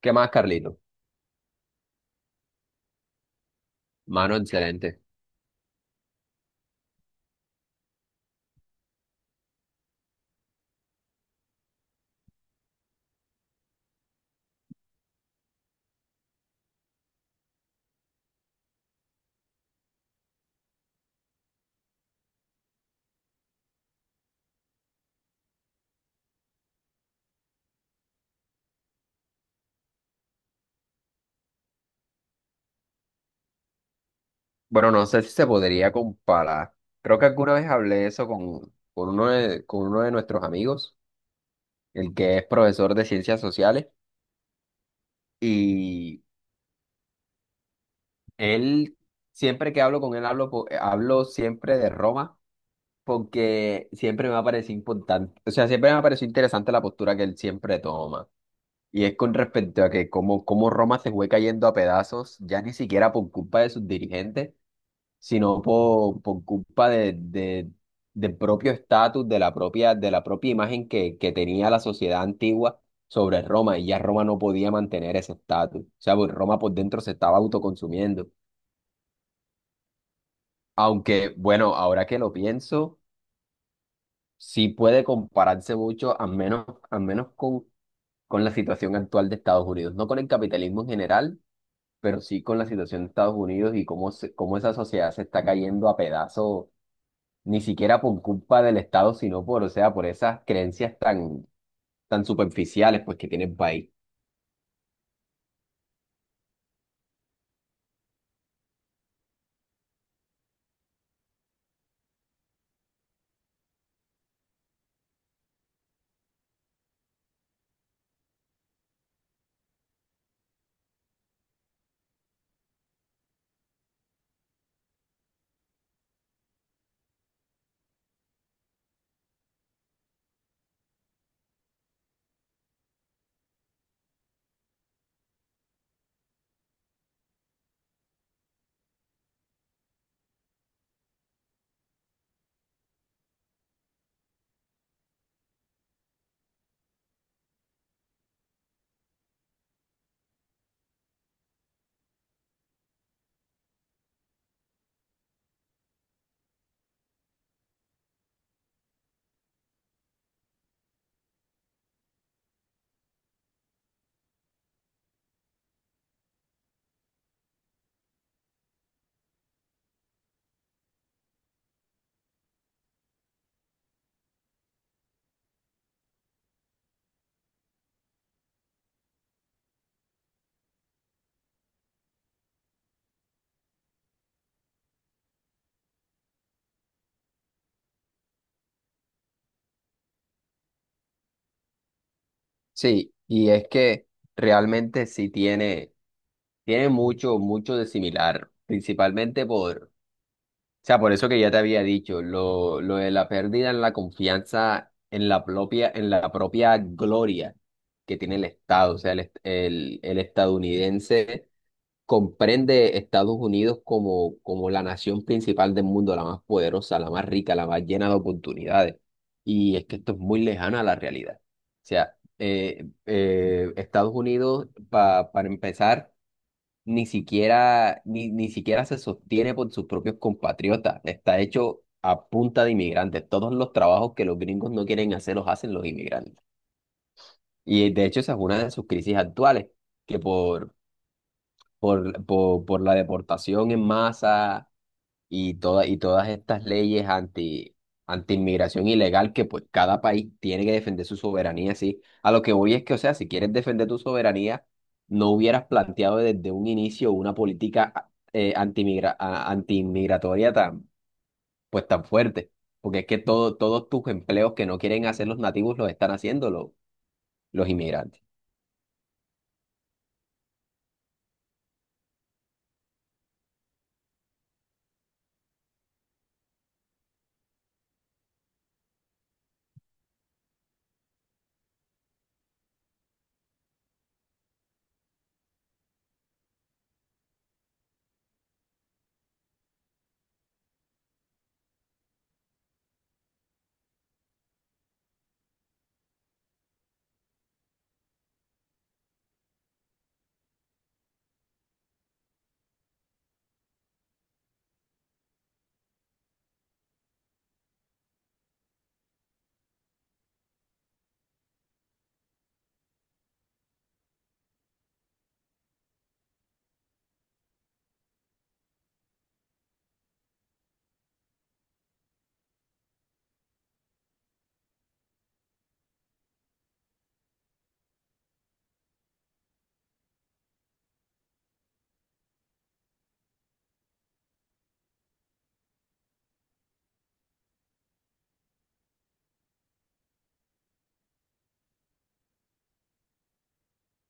¿Qué más, Carlito? Mano, excelente. Bueno, no sé si se podría comparar. Creo que alguna vez hablé eso con uno de nuestros amigos, el que es profesor de ciencias sociales, y él, siempre que hablo con él, hablo siempre de Roma, porque siempre me ha parecido importante, o sea, siempre me ha parecido interesante la postura que él siempre toma. Y es con respecto a que cómo Roma se fue cayendo a pedazos, ya ni siquiera por culpa de sus dirigentes, sino por culpa de- del propio estatus, de la propia imagen que tenía la sociedad antigua sobre Roma, y ya Roma no podía mantener ese estatus. O sea, pues Roma por dentro se estaba autoconsumiendo. Aunque, bueno, ahora que lo pienso, sí puede compararse mucho, al menos con la situación actual de Estados Unidos, no con el capitalismo en general, pero sí con la situación de Estados Unidos y cómo esa sociedad se está cayendo a pedazos ni siquiera por culpa del Estado, sino por, o sea, por esas creencias tan, tan superficiales pues que tiene el país. Sí, y es que realmente sí tiene mucho, mucho de similar, principalmente por, o sea, por eso que ya te había dicho, lo de la pérdida en la confianza en la propia gloria que tiene el Estado, o sea, el estadounidense comprende Estados Unidos como, como la nación principal del mundo, la más poderosa, la más rica, la más llena de oportunidades. Y es que esto es muy lejano a la realidad. O sea, Estados Unidos, para empezar, ni siquiera, ni siquiera se sostiene por sus propios compatriotas. Está hecho a punta de inmigrantes. Todos los trabajos que los gringos no quieren hacer los hacen los inmigrantes. Y de hecho esa es una de sus crisis actuales, que por la deportación en masa y, y todas estas leyes anti inmigración ilegal, que pues cada país tiene que defender su soberanía, sí. A lo que voy es que, o sea, si quieres defender tu soberanía, no hubieras planteado desde un inicio una política antiinmigratoria tan, pues tan fuerte, porque es que todos tus empleos que no quieren hacer los nativos los están haciendo los inmigrantes.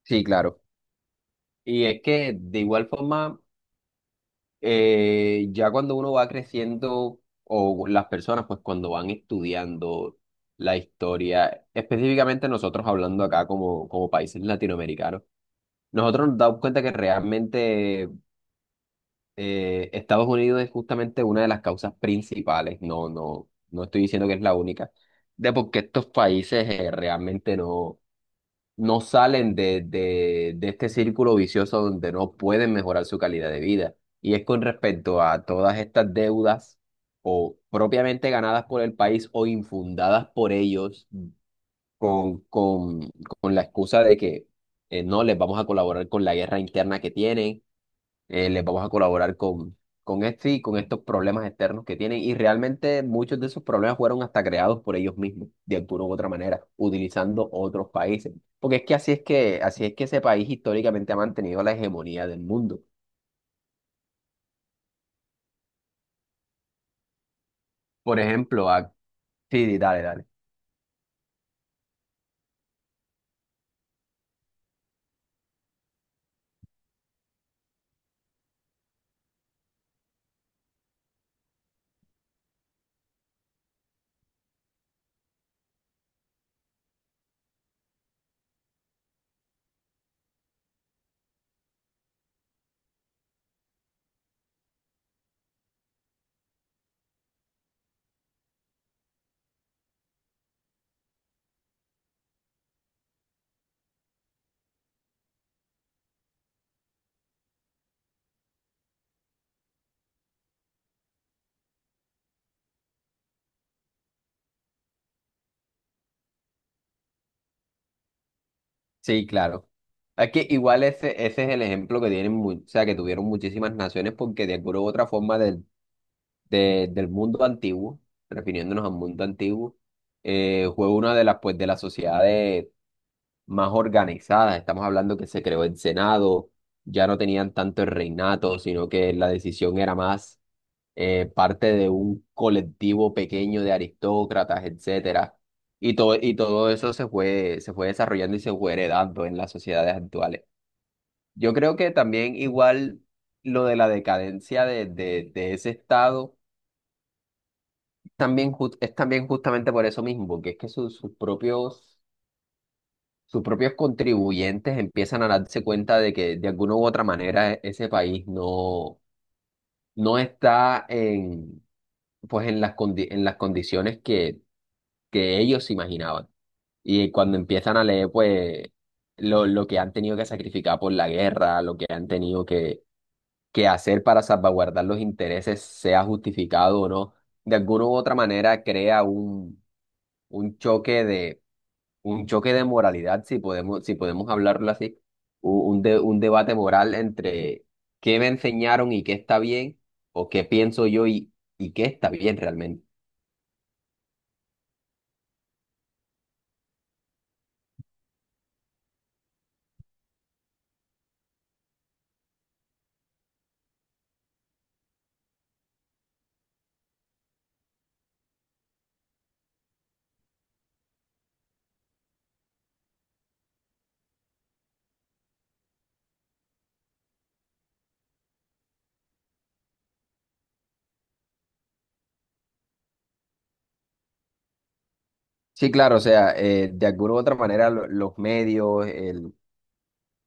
Sí, claro. Y es que de igual forma, ya cuando uno va creciendo, o las personas, pues cuando van estudiando la historia, específicamente nosotros hablando acá como, como países latinoamericanos, nosotros nos damos cuenta que realmente Estados Unidos es justamente una de las causas principales, no, no, no estoy diciendo que es la única, de por qué estos países realmente no no salen de este círculo vicioso donde no pueden mejorar su calidad de vida. Y es con respecto a todas estas deudas o propiamente ganadas por el país o infundadas por ellos, con, con, con la excusa de que no les vamos a colaborar con la guerra interna que tienen, les vamos a colaborar con este y con estos problemas externos que tienen. Y realmente muchos de esos problemas fueron hasta creados por ellos mismos, de alguna u otra manera, utilizando otros países. Porque es que así es que, así es que ese país históricamente ha mantenido la hegemonía del mundo. Por ejemplo, a... sí, dale, dale. Sí, claro. Es que igual ese, ese es el ejemplo que tienen, o sea, que tuvieron muchísimas naciones, porque de alguna u otra forma del mundo antiguo, refiriéndonos al mundo antiguo, fue una de las, pues, de las sociedades más organizadas. Estamos hablando que se creó el Senado, ya no tenían tanto el reinato, sino que la decisión era más parte de un colectivo pequeño de aristócratas, etcétera. Y todo eso se fue desarrollando y se fue heredando en las sociedades actuales. Yo creo que también igual lo de la decadencia de ese estado también, es también justamente por eso mismo, porque es que sus propios contribuyentes empiezan a darse cuenta de que de alguna u otra manera ese país no, no está en, pues en las, en las condiciones que ellos se imaginaban. Y cuando empiezan a leer, pues, lo que han tenido que sacrificar por la guerra, lo que han tenido que hacer para salvaguardar los intereses, sea justificado o no, de alguna u otra manera crea un choque, un choque de moralidad, si podemos, si podemos hablarlo así, un debate moral entre qué me enseñaron y qué está bien, o qué pienso yo y qué está bien realmente. Sí, claro, o sea, de alguna u otra manera los medios,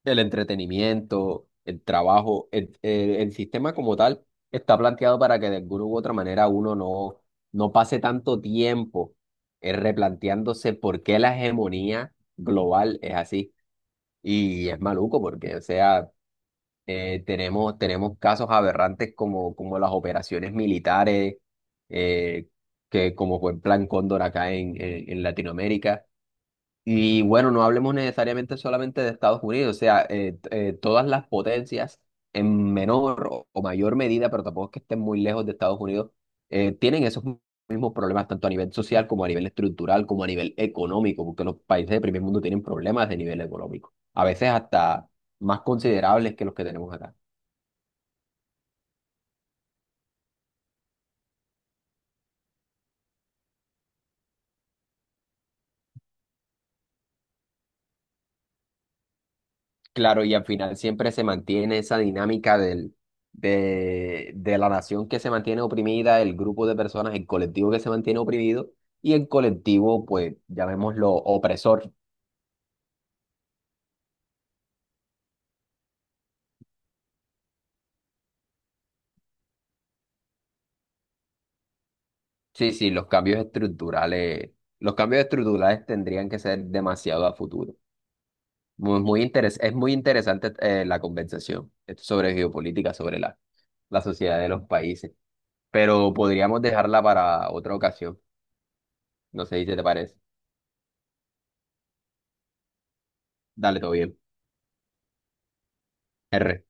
el entretenimiento, el trabajo, el sistema como tal está planteado para que de alguna u otra manera uno no, no pase tanto tiempo replanteándose por qué la hegemonía global es así. Y es maluco porque, o sea, tenemos, tenemos casos aberrantes como, como las operaciones militares, eh, que como fue el Plan Cóndor acá en Latinoamérica, y bueno, no hablemos necesariamente solamente de Estados Unidos, o sea, todas las potencias en menor o mayor medida, pero tampoco es que estén muy lejos de Estados Unidos, tienen esos mismos problemas tanto a nivel social como a nivel estructural, como a nivel económico, porque los países del primer mundo tienen problemas de nivel económico, a veces hasta más considerables que los que tenemos acá. Claro, y al final siempre se mantiene esa dinámica del, de la nación que se mantiene oprimida, el grupo de personas, el colectivo que se mantiene oprimido, y el colectivo, pues, llamémoslo opresor. Sí, sí, los cambios estructurales tendrían que ser demasiado a futuro. Es muy interesante la conversación sobre geopolítica, sobre la, la sociedad de los países, pero podríamos dejarla para otra ocasión. No sé si te parece. Dale, todo bien. R.